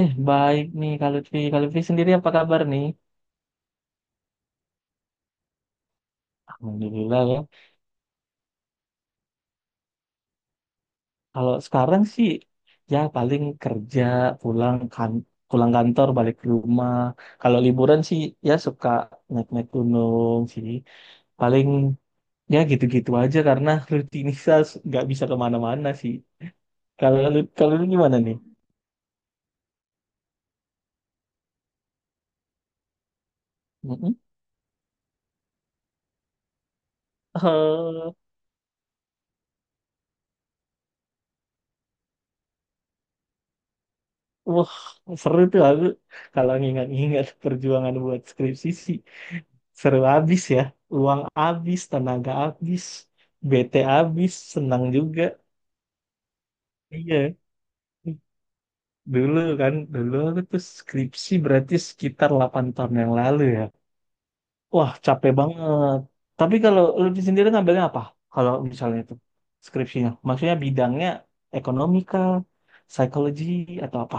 Baik nih kalau Lutfi. Kalau Lutfi sendiri apa kabar nih? Alhamdulillah ya. Kalau sekarang sih ya paling kerja, pulang kan pulang kantor, balik ke rumah. Kalau liburan sih ya suka naik-naik gunung sih. Paling ya gitu-gitu aja karena rutinitas nggak bisa kemana-mana sih. Kalau kalau lu gimana nih? Mm-mm. Eh, wah, seru tuh aku kalau ngingat-ngingat perjuangan buat skripsi sih. Seru abis ya. Uang abis, tenaga abis, BT abis, senang juga. Iya. Dulu aku tuh skripsi berarti sekitar 8 tahun yang lalu ya. Wah, capek banget. Tapi kalau lebih sendiri ngambilnya apa? Kalau misalnya itu skripsinya. Maksudnya bidangnya ekonomika, psikologi, atau apa?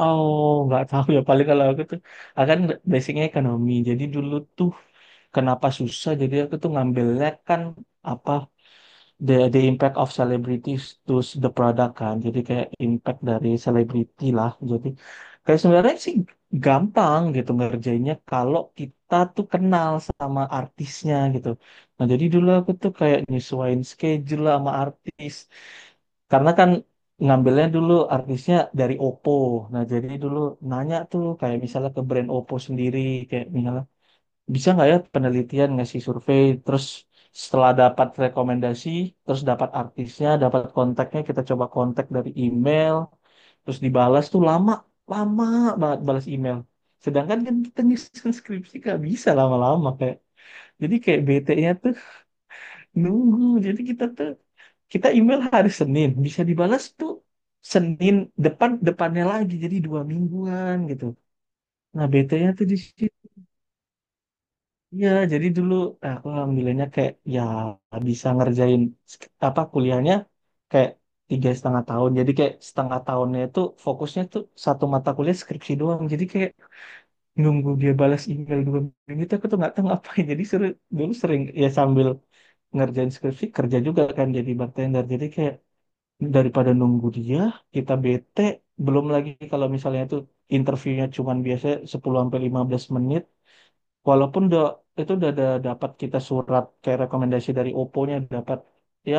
Oh, nggak tahu ya. Paling kalau aku tuh, akan basicnya ekonomi. Jadi dulu tuh kenapa susah? Jadi aku tuh ngambilnya kan apa the impact of celebrities to the product kan. Jadi kayak impact dari selebriti lah. Jadi kayak sebenarnya sih gampang gitu ngerjainnya kalau kita tuh kenal sama artisnya gitu. Nah, jadi dulu aku tuh kayak nyesuaiin schedule lah sama artis. Karena kan ngambilnya dulu artisnya dari Oppo. Nah, jadi dulu nanya tuh kayak misalnya ke brand Oppo sendiri kayak misalnya bisa nggak ya penelitian ngasih survei terus setelah dapat rekomendasi, terus dapat artisnya, dapat kontaknya, kita coba kontak dari email, terus dibalas tuh lama, lama banget balas email. Sedangkan kan kita nyusun skripsi nggak bisa lama-lama kayak. Jadi kayak bete-nya tuh nunggu. Jadi kita email hari Senin bisa dibalas tuh Senin depan depannya lagi jadi 2 mingguan gitu. Nah, BT tuh di situ ya jadi dulu. Nah, aku alhamdulillahnya kayak ya bisa ngerjain apa kuliahnya kayak 3,5 tahun jadi kayak setengah tahunnya itu fokusnya tuh satu mata kuliah skripsi doang jadi kayak nunggu dia balas email 2 minggu itu aku tuh nggak tahu ngapain jadi seru. Dulu sering ya sambil ngerjain skripsi kerja juga kan jadi bartender jadi kayak daripada nunggu dia kita bete. Belum lagi kalau misalnya itu interviewnya cuman biasanya 10 sampai 15 menit walaupun udah itu udah ada dapat kita surat kayak rekomendasi dari Oppo-nya dapat ya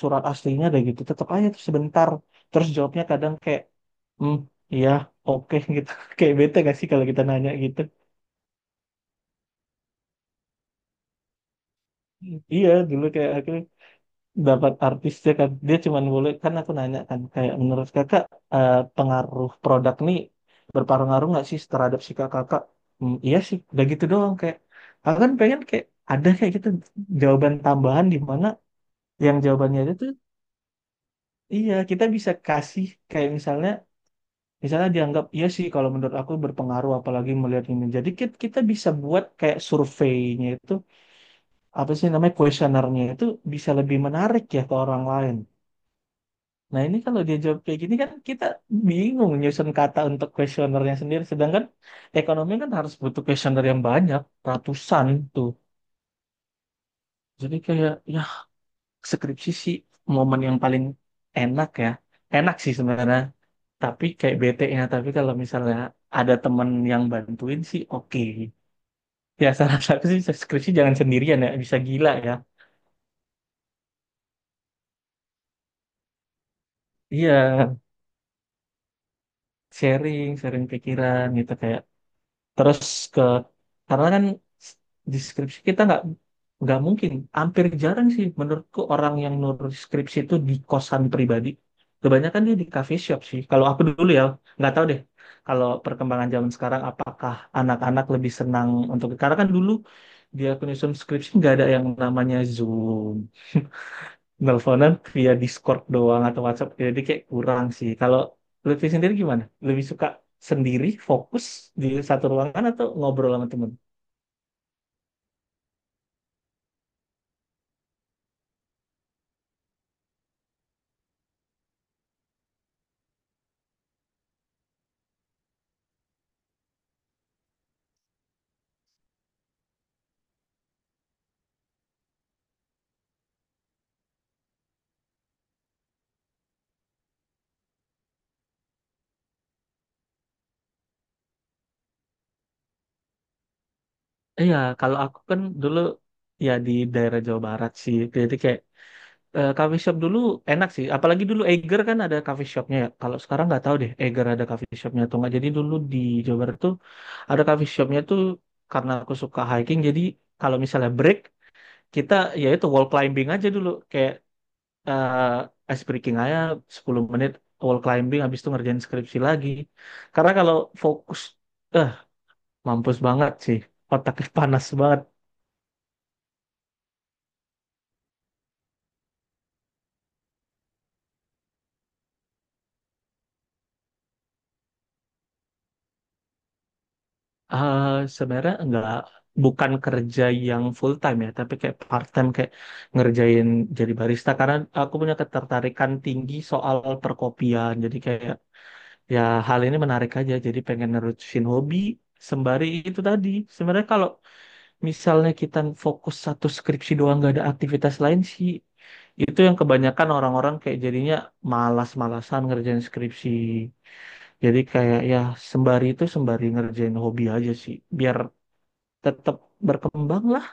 surat aslinya deh gitu tetap aja tuh sebentar. Terus jawabnya kadang kayak hmm ya oke gitu kayak bete gak sih kalau kita nanya gitu. Iya, dulu kayak akhirnya dapat artisnya kan dia cuman boleh kan aku nanya kan kayak menurut kakak, pengaruh produk nih berpengaruh nggak sih terhadap si kakak. Hmm, iya sih udah gitu doang kayak aku kan pengen kayak ada kayak gitu jawaban tambahan di mana yang jawabannya itu tuh iya kita bisa kasih kayak misalnya misalnya dianggap iya sih kalau menurut aku berpengaruh apalagi melihat ini jadi kita bisa buat kayak surveinya itu apa sih namanya kuesionernya itu bisa lebih menarik ya ke orang lain. Nah, ini kalau dia jawab kayak gini kan kita bingung nyusun kata untuk kuesionernya sendiri. Sedangkan ekonomi kan harus butuh kuesioner yang banyak, ratusan tuh. Jadi kayak, ya skripsi sih momen yang paling enak ya. Enak sih sebenarnya, tapi kayak bete-nya. Tapi kalau misalnya ada temen yang bantuin sih oke. Ya, salah satu sih skripsi jangan sendirian ya, bisa gila ya. Iya, sharing, sharing pikiran gitu kayak terus ke karena kan di skripsi kita nggak mungkin hampir jarang sih menurutku orang yang nulis skripsi itu di kosan pribadi kebanyakan dia di cafe shop sih kalau aku dulu ya. Nggak tahu deh kalau perkembangan zaman sekarang apakah anak-anak lebih senang untuk karena kan dulu aku nyusun skripsi nggak ada yang namanya Zoom nelponan via Discord doang atau WhatsApp jadi kayak kurang sih kalau Lutfi sendiri gimana lebih suka sendiri fokus di satu ruangan atau ngobrol sama temen. Iya kalau aku kan dulu ya di daerah Jawa Barat sih jadi kayak coffee shop dulu enak sih apalagi dulu Eiger kan ada coffee shopnya ya kalau sekarang nggak tahu deh Eiger ada coffee shopnya atau nggak jadi dulu di Jawa Barat tuh ada coffee shopnya tuh karena aku suka hiking jadi kalau misalnya break kita ya itu wall climbing aja dulu kayak eh ice breaking aja 10 menit wall climbing habis itu ngerjain skripsi lagi. Karena kalau fokus eh mampus banget sih. Otaknya panas banget. Eh Sebenarnya enggak bukan kerja yang full time ya, tapi kayak part time kayak ngerjain jadi barista karena aku punya ketertarikan tinggi soal perkopian. Jadi kayak ya hal ini menarik aja jadi pengen nerusin hobi sembari itu tadi. Sebenarnya kalau misalnya kita fokus satu skripsi doang nggak ada aktivitas lain sih itu yang kebanyakan orang-orang kayak jadinya malas-malasan ngerjain skripsi jadi kayak ya sembari itu sembari ngerjain hobi aja sih biar tetap berkembang lah.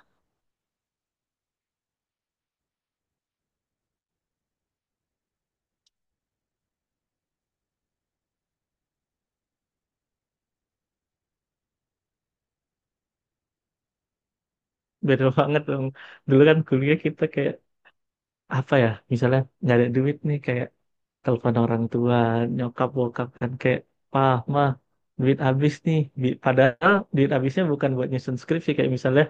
Beda banget dong dulu kan kuliah kita kayak apa ya misalnya nggak ada duit nih kayak telepon orang tua nyokap bokap kan kayak pah mah duit habis nih padahal duit habisnya bukan buat nyusun skripsi kayak misalnya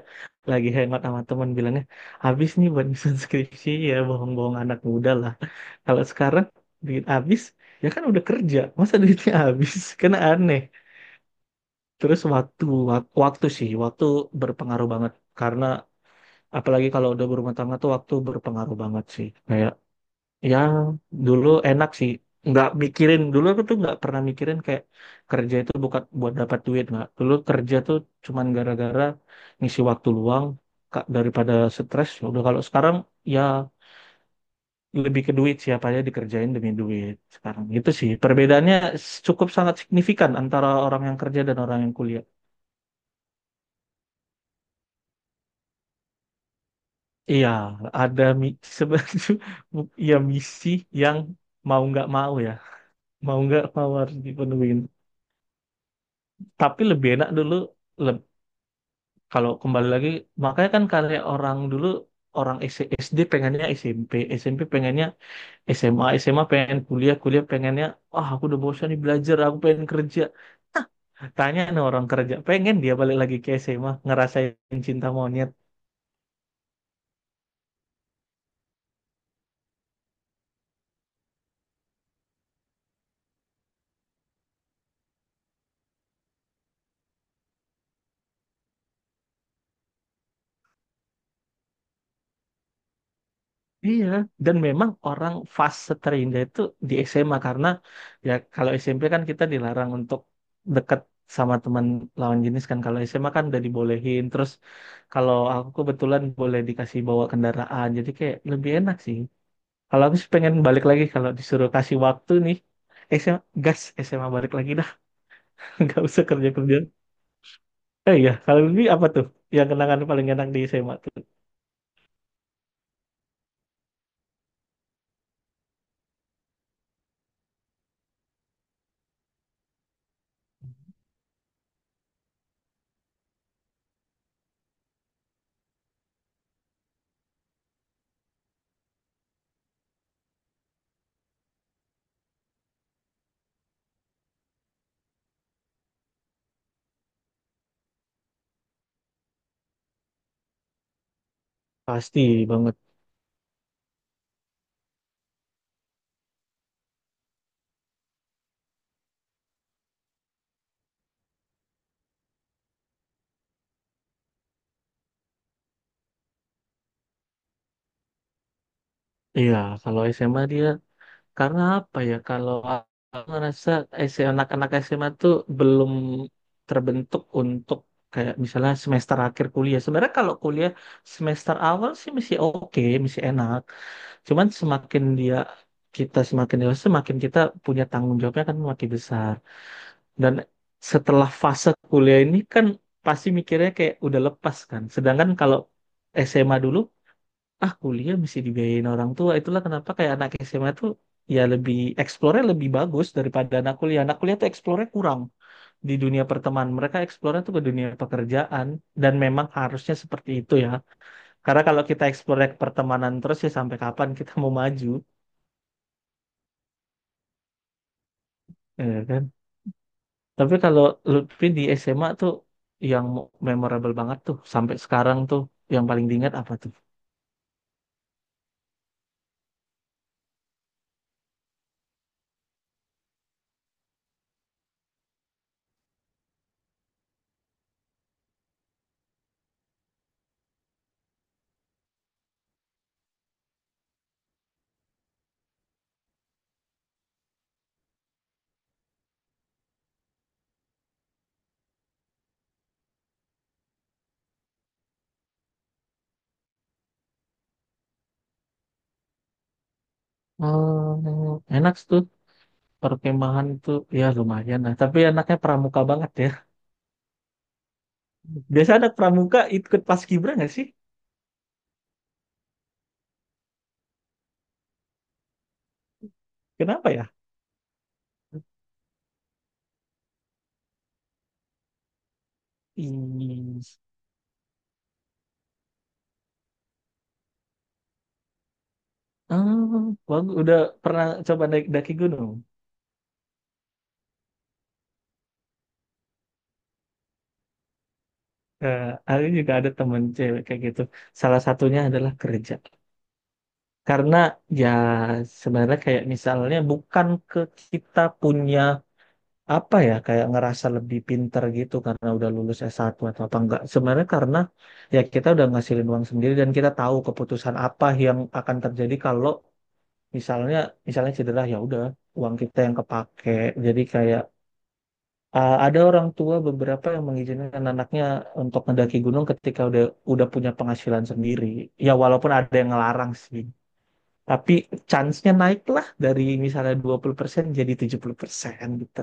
lagi hemat sama teman bilangnya habis nih buat nyusun skripsi ya bohong-bohong anak muda lah. Kalau sekarang duit habis ya kan udah kerja masa duitnya habis kan aneh. Terus waktu waktu sih waktu berpengaruh banget karena apalagi kalau udah berumah tangga tuh waktu berpengaruh banget sih kayak. Ya, dulu enak sih. Nggak mikirin, dulu aku tuh nggak pernah mikirin kayak kerja itu bukan buat dapat duit, nggak. Dulu kerja tuh cuman gara-gara ngisi waktu luang Kak, daripada stres. Ya udah kalau sekarang ya lebih ke duit siapa aja dikerjain demi duit sekarang, itu sih. Perbedaannya cukup sangat signifikan antara orang yang kerja dan orang yang kuliah. Iya, ada sebenarnya ya misi yang mau nggak mau ya, mau nggak mau harus dipenuhi. Tapi lebih enak dulu leb- kalau kembali lagi makanya kan karya orang dulu orang SD pengennya SMP, SMP pengennya SMA, SMA pengen kuliah, kuliah pengennya, wah aku udah bosan nih belajar aku pengen kerja. Hah, tanya nih orang kerja pengen dia balik lagi ke SMA ngerasain cinta monyet. Iya, dan memang orang fase terindah itu di SMA karena ya kalau SMP kan kita dilarang untuk deket sama teman lawan jenis kan kalau SMA kan udah dibolehin terus kalau aku kebetulan boleh dikasih bawa kendaraan jadi kayak lebih enak sih. Kalau aku sih pengen balik lagi kalau disuruh kasih waktu nih SMA gas SMA balik lagi dah. Nggak usah kerja kerja. Iya kalau lebih apa tuh yang kenangan paling enak di SMA tuh pasti banget. Iya kalau SMA dia, karena apa ya, kalau aku ngerasa S- M anak-anak SMA tuh belum terbentuk untuk kayak misalnya semester akhir kuliah. Sebenarnya kalau kuliah semester awal sih masih oke, masih enak. Cuman semakin kita semakin dewasa, semakin kita punya tanggung jawabnya kan makin besar. Dan setelah fase kuliah ini kan pasti mikirnya kayak udah lepas kan. Sedangkan kalau SMA dulu ah kuliah mesti dibiayain orang tua itulah kenapa kayak anak SMA tuh ya lebih eksplornya lebih bagus daripada anak kuliah, anak kuliah tuh eksplornya kurang di dunia pertemanan mereka eksplornya tuh ke dunia pekerjaan dan memang harusnya seperti itu ya karena kalau kita eksplornya ke pertemanan terus ya sampai kapan kita mau maju. Ya kan tapi kalau Lutfi di SMA tuh yang memorable banget tuh sampai sekarang tuh yang paling diingat apa tuh. Oh, enak tuh perkemahan tuh ya lumayan lah tapi anaknya pramuka banget ya. Biasa anak pramuka ikut paskibra nggak sih? Kenapa ya? Ih. Oh, bagus. Udah pernah coba naik daki gunung? Eh, aku juga ada temen cewek kayak gitu. Salah satunya adalah kerja. Karena ya sebenarnya kayak misalnya bukan ke kita punya apa ya kayak ngerasa lebih pinter gitu karena udah lulus S1 atau apa enggak. Sebenarnya karena ya kita udah ngasilin uang sendiri dan kita tahu keputusan apa yang akan terjadi kalau misalnya misalnya cedera ya udah uang kita yang kepake jadi kayak ada orang tua beberapa yang mengizinkan anaknya untuk mendaki gunung ketika udah punya penghasilan sendiri ya walaupun ada yang ngelarang sih tapi chance-nya naik lah dari misalnya 20% jadi 70% gitu.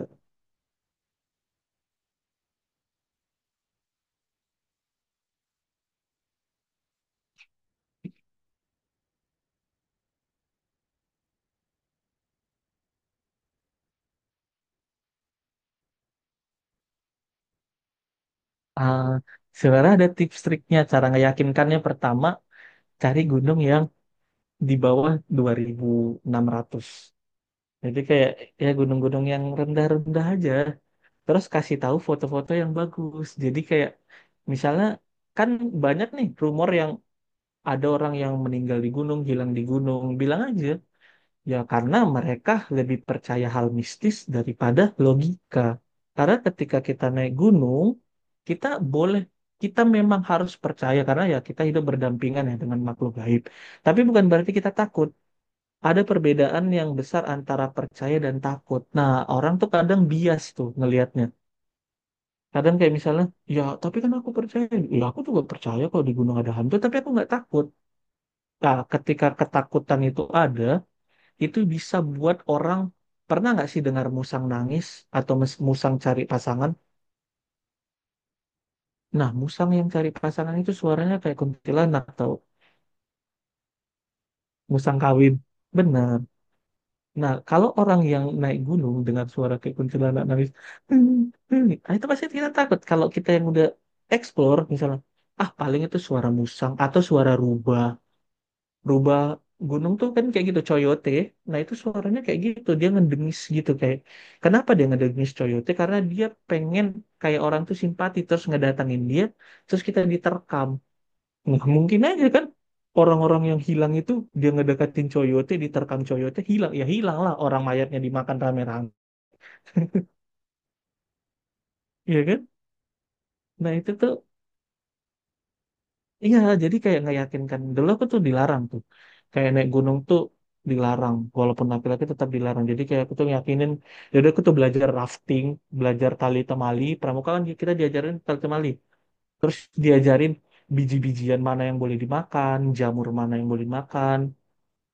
Uh, Sebenarnya ada tips triknya cara ngeyakinkannya pertama cari gunung yang di bawah 2.600 jadi kayak ya gunung-gunung yang rendah-rendah aja terus kasih tahu foto-foto yang bagus. Jadi kayak misalnya kan banyak nih rumor yang ada orang yang meninggal di gunung, hilang di gunung. Bilang aja ya karena mereka lebih percaya hal mistis daripada logika. Karena ketika kita naik gunung, kita boleh kita memang harus percaya karena ya kita hidup berdampingan ya dengan makhluk gaib. Tapi bukan berarti kita takut. Ada perbedaan yang besar antara percaya dan takut. Nah, orang tuh kadang bias tuh ngelihatnya kadang kayak misalnya ya tapi kan aku percaya ya aku juga percaya kalau di gunung ada hantu tapi aku nggak takut. Nah ketika ketakutan itu ada itu bisa buat orang pernah nggak sih dengar musang nangis atau musang cari pasangan. Nah musang yang cari pasangan itu suaranya kayak kuntilanak atau musang kawin benar. Nah kalau orang yang naik gunung dengan suara kayak kuntilanak nangis nah itu pasti kita takut kalau kita yang udah explore misalnya ah paling itu suara musang atau suara rubah berubah gunung tuh kan kayak gitu coyote. Nah itu suaranya kayak gitu dia ngedengis gitu kayak kenapa dia ngedengis coyote karena dia pengen kayak orang tuh simpati terus ngedatangin dia terus kita diterkam. Nah, mungkin aja kan orang-orang yang hilang itu dia ngedekatin coyote diterkam coyote hilang ya hilang lah orang mayatnya dimakan rame-rame. Iya kan nah itu tuh. Iya, jadi kayak nggak yakinkan. Dulu aku tuh dilarang tuh. Kayak naik gunung tuh dilarang. Walaupun laki-laki tetap dilarang. Jadi kayak aku tuh yakinin. Jadi aku tuh belajar rafting, belajar tali temali. Pramuka kan kita diajarin tali temali. Terus diajarin biji-bijian mana yang boleh dimakan, jamur mana yang boleh dimakan.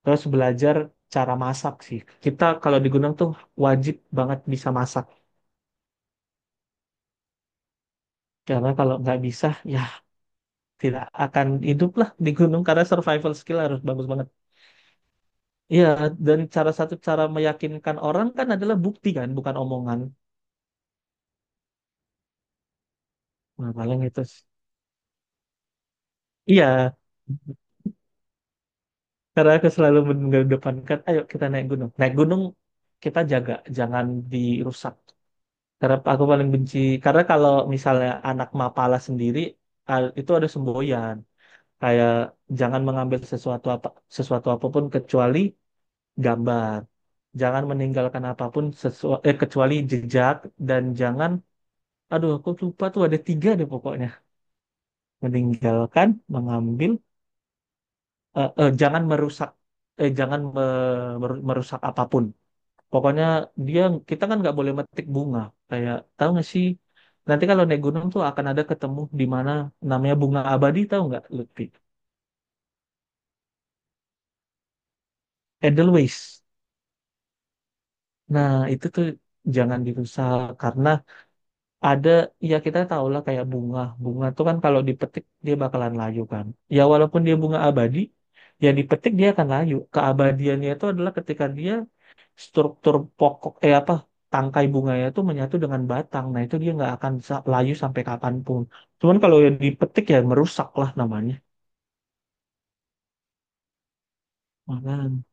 Terus belajar cara masak sih. Kita kalau di gunung tuh wajib banget bisa masak. Karena kalau nggak bisa, ya tidak akan hidup lah di gunung. Karena survival skill harus bagus banget. Iya, dan cara satu cara meyakinkan orang kan adalah bukti kan, bukan omongan. Nah, paling itu. Iya, karena aku selalu mengedepankan, ayo kita naik gunung. Naik gunung kita jaga, jangan dirusak. Karena aku paling benci, karena kalau misalnya anak mapala sendiri, itu ada semboyan. Kayak jangan mengambil sesuatu apapun kecuali gambar. Jangan meninggalkan apapun kecuali jejak dan jangan. Aduh, aku lupa tuh ada tiga deh pokoknya. Meninggalkan mengambil jangan merusak jangan merusak apapun pokoknya dia kita kan nggak boleh metik bunga kayak tahu nggak sih nanti kalau naik gunung tuh akan ada ketemu di mana namanya bunga abadi tahu nggak Lutfi. Edelweiss. Nah itu tuh jangan dirusak karena ada ya kita tahu lah kayak bunga bunga tuh kan kalau dipetik dia bakalan layu kan. Ya walaupun dia bunga abadi ya dipetik dia akan layu keabadiannya itu adalah ketika dia struktur pokok apa tangkai bunganya itu menyatu dengan batang. Nah, itu dia nggak akan bisa layu sampai kapanpun. Cuman kalau yang dipetik ya merusak lah namanya. Makan.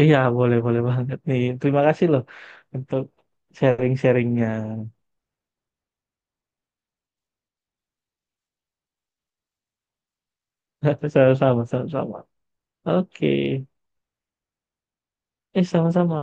Iya, boleh boleh banget nih. Terima kasih loh untuk sharing-sharingnya. Sama-sama, sama-sama. Oke. Sama-sama.